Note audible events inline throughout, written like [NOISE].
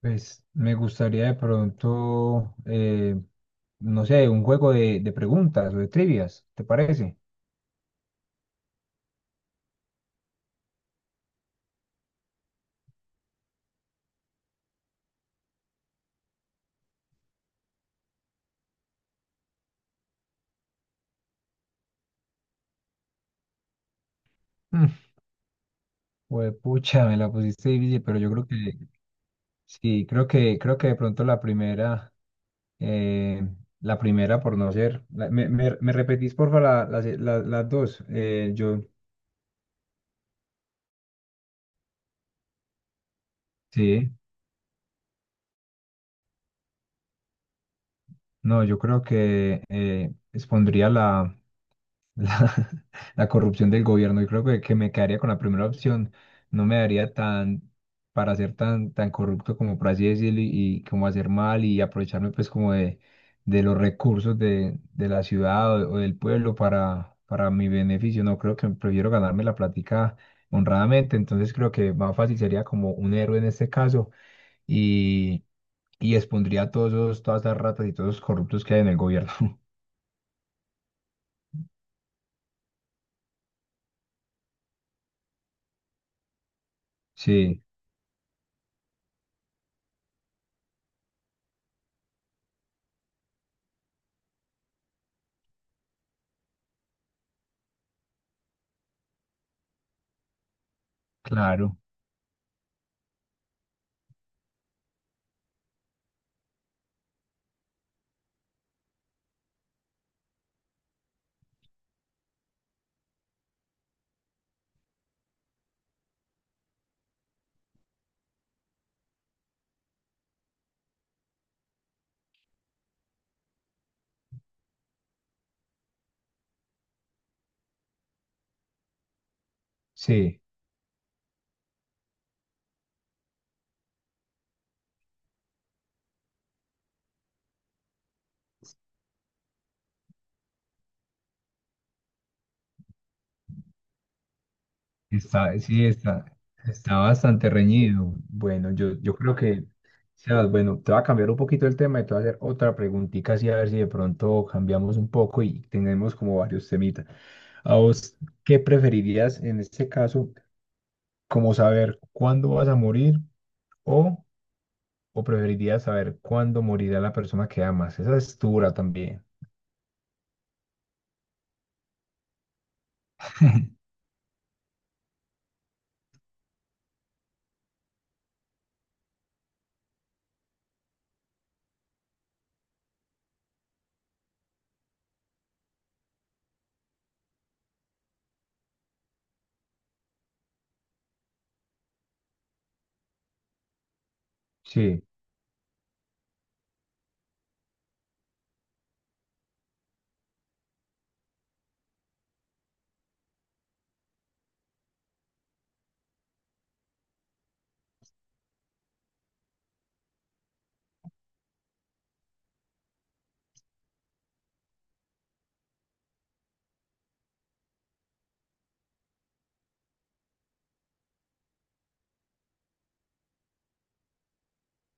Pues me gustaría de pronto, no sé, un juego de preguntas o de trivias, ¿te parece? Mm, [LAUGHS] Juepucha, me la pusiste difícil, pero yo creo que sí, creo que de pronto eh, la primera por no ser. Me repetís, porfa, las, las dos. Yo, sí, no, yo creo que expondría la, [LAUGHS] la corrupción del gobierno. Yo creo que me quedaría con la primera opción. No me daría tan para ser tan corrupto como por así decirlo y como hacer mal y aprovecharme pues como de los recursos de la ciudad o del pueblo para mi beneficio. No creo que prefiero ganarme la plática honradamente. Entonces creo que más fácil sería como un héroe en este caso y, y expondría a todas las ratas y todos los corruptos que hay en el gobierno. [LAUGHS] Sí, claro. Sí. Está, está bastante reñido. Bueno, yo creo que, Sebas, bueno, te voy a cambiar un poquito el tema y te voy a hacer otra preguntita así a ver si de pronto cambiamos un poco y tenemos como varios temitas. ¿A vos qué preferirías en este caso, como saber cuándo vas a morir o, o preferirías saber cuándo morirá la persona que amas? Esa es dura también. Sí,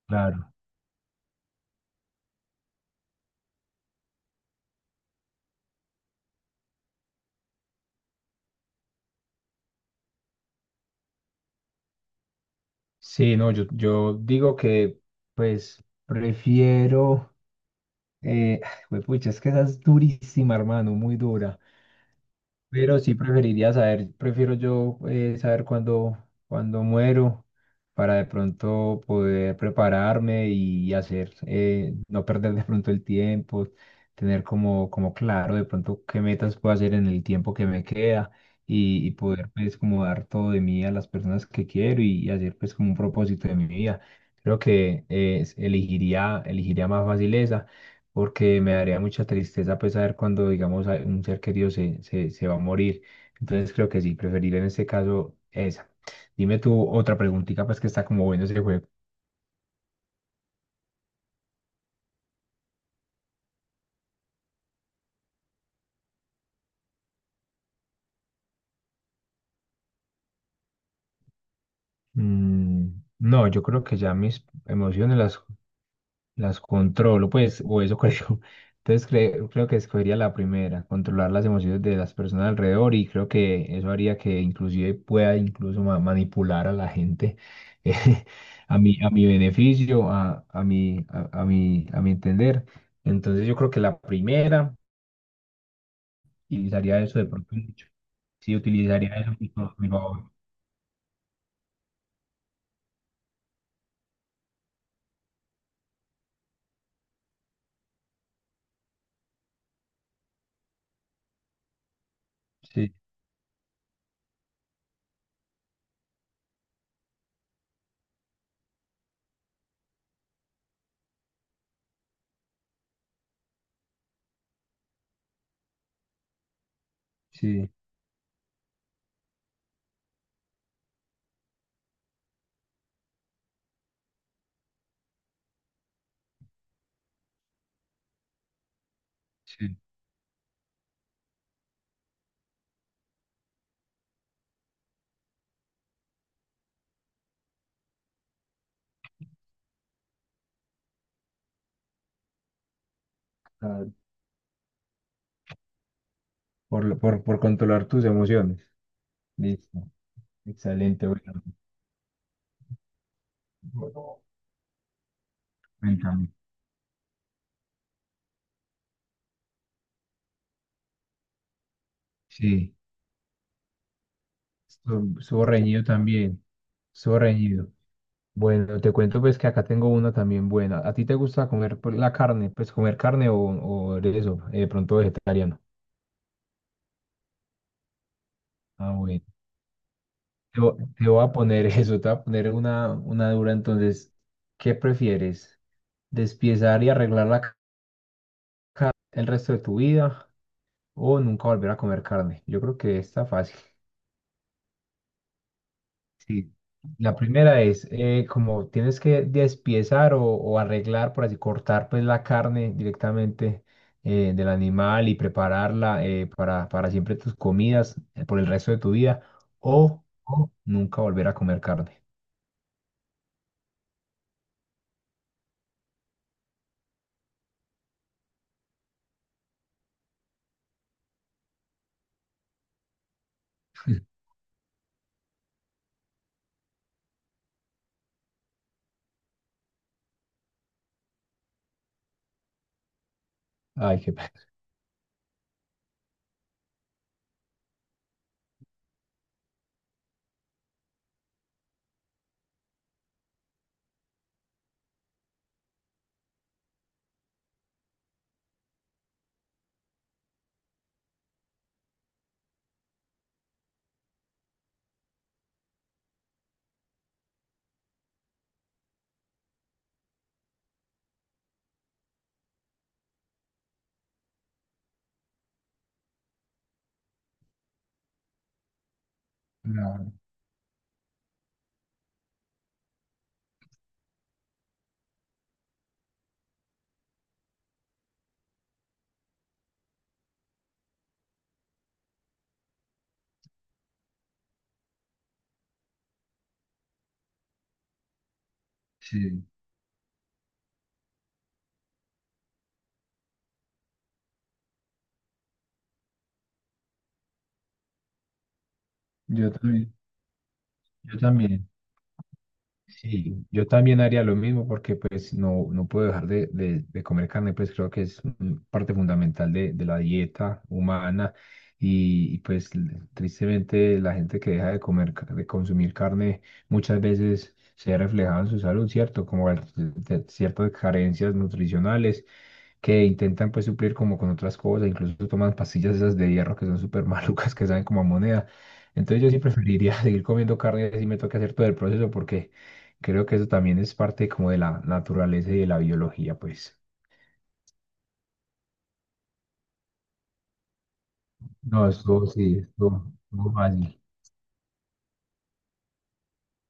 claro. Sí, no, yo digo que pues prefiero... Eh, [SIGHS] pucha, es que esa es durísima, hermano, muy dura. Pero sí preferiría saber, prefiero yo saber cuándo muero para de pronto poder prepararme y hacer, no perder de pronto el tiempo, tener como, como claro de pronto qué metas puedo hacer en el tiempo que me queda y poder pues como dar todo de mí a las personas que quiero y hacer pues como un propósito de mi vida. Creo que elegiría más fácil esa porque me daría mucha tristeza pues saber cuando, digamos, un ser querido se va a morir. Entonces creo que sí, preferiría en este caso esa. Dime tú otra preguntita, pues que está como bueno ese juego. Mm, no, yo creo que ya mis emociones las controlo, pues, o eso [LAUGHS] creo. Entonces creo que escogería la primera, controlar las emociones de las personas alrededor y creo que eso haría que inclusive pueda incluso manipular a la gente [LAUGHS] eh, a mi beneficio, a mi, a mi, a mi entender. Entonces yo creo que la primera utilizaría eso de pronto mucho. Sí, utilizaría eso a mi favor. Sí, sí, sí. Ah, por controlar tus emociones. Listo. Excelente. Bueno. Cuéntame. Sí, estuvo reñido también, estuvo reñido. Bueno, te cuento pues que acá tengo una también buena. ¿A ti te gusta comer pues, la carne? Pues comer carne o eres eso, de pronto vegetariano. Ah, bueno. Te, te voy a poner [LAUGHS] eso, te voy a poner una dura. Entonces, ¿qué prefieres? ¿Despiezar y arreglar la el resto de tu vida o nunca volver a comer carne? Yo creo que está fácil. Sí, la primera es como tienes que despiezar o arreglar, por así cortar pues la carne directamente del animal y prepararla para siempre tus comidas por el resto de tu vida o nunca volver a comer carne. Ay, qué pena. Claro, sí, yo también, yo también. Sí, yo también haría lo mismo porque pues no, no puedo dejar de comer carne, pues creo que es mm, parte fundamental de la dieta humana y, pues tristemente la gente que deja de comer, de consumir carne muchas veces se ve reflejada en su salud, ¿cierto? Como ciertas carencias nutricionales que intentan pues suplir como con otras cosas, incluso toman pastillas esas de hierro que son súper [LAUGHS] malucas, que saben como a moneda. Entonces yo sí preferiría [LAUGHS] seguir comiendo carne si me toca hacer todo el proceso porque creo que eso también es parte como de la naturaleza y de la biología, pues. No, eso sí, esto no fácil.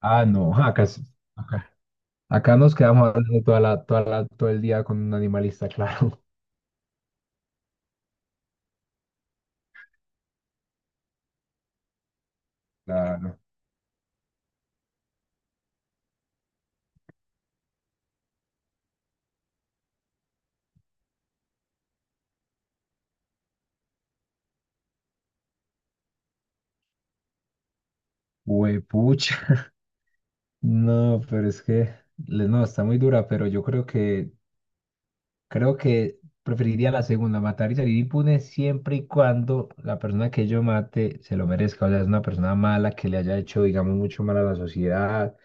Ah, no, [LAUGHS] acá, acá nos quedamos hablando toda todo el día con un animalista, [LAUGHS] claro. Claro. Huepucha. No, pero es que, no, está muy dura, pero yo creo que creo que preferiría la segunda, matar y salir impune siempre y cuando la persona que yo mate se lo merezca. O sea, es una persona mala que le haya hecho, digamos, mucho mal a la sociedad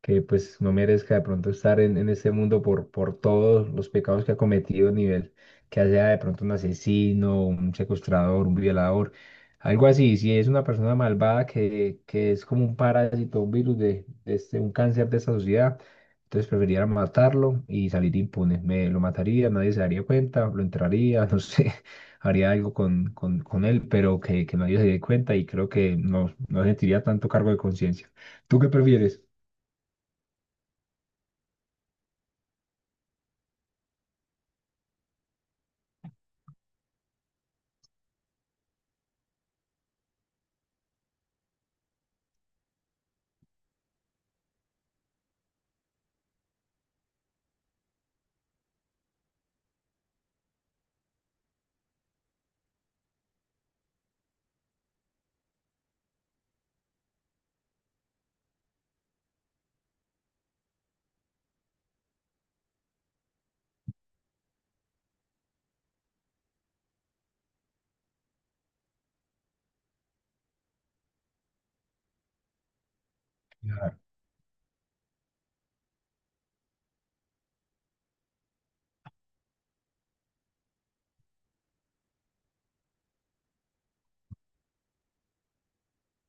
que pues no merezca de pronto estar en este mundo por todos los pecados que ha cometido, nivel que sea de pronto un asesino, un secuestrador, un violador, algo así. Si es una persona malvada que es como un parásito, un virus de este, un cáncer de esta sociedad, entonces preferiría matarlo y salir impune. Me lo mataría, nadie se daría cuenta, lo entraría, [LAUGHS] no sé. Haría algo con él, pero que nadie se dé cuenta y creo que no, no sentiría tanto cargo de conciencia. ¿Tú qué prefieres?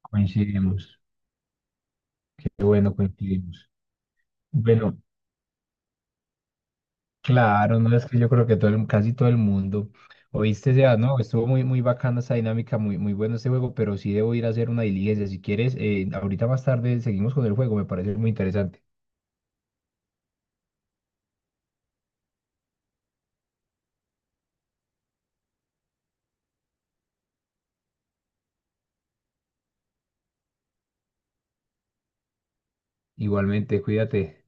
Coincidimos. Qué bueno, coincidimos. Bueno, claro, no es que yo creo que casi todo el mundo. Oíste, ya, no, estuvo muy bacana esa dinámica, muy bueno este juego, pero sí debo ir a hacer una diligencia. Si quieres, ahorita más tarde seguimos con el juego, me parece muy interesante. Igualmente, cuídate.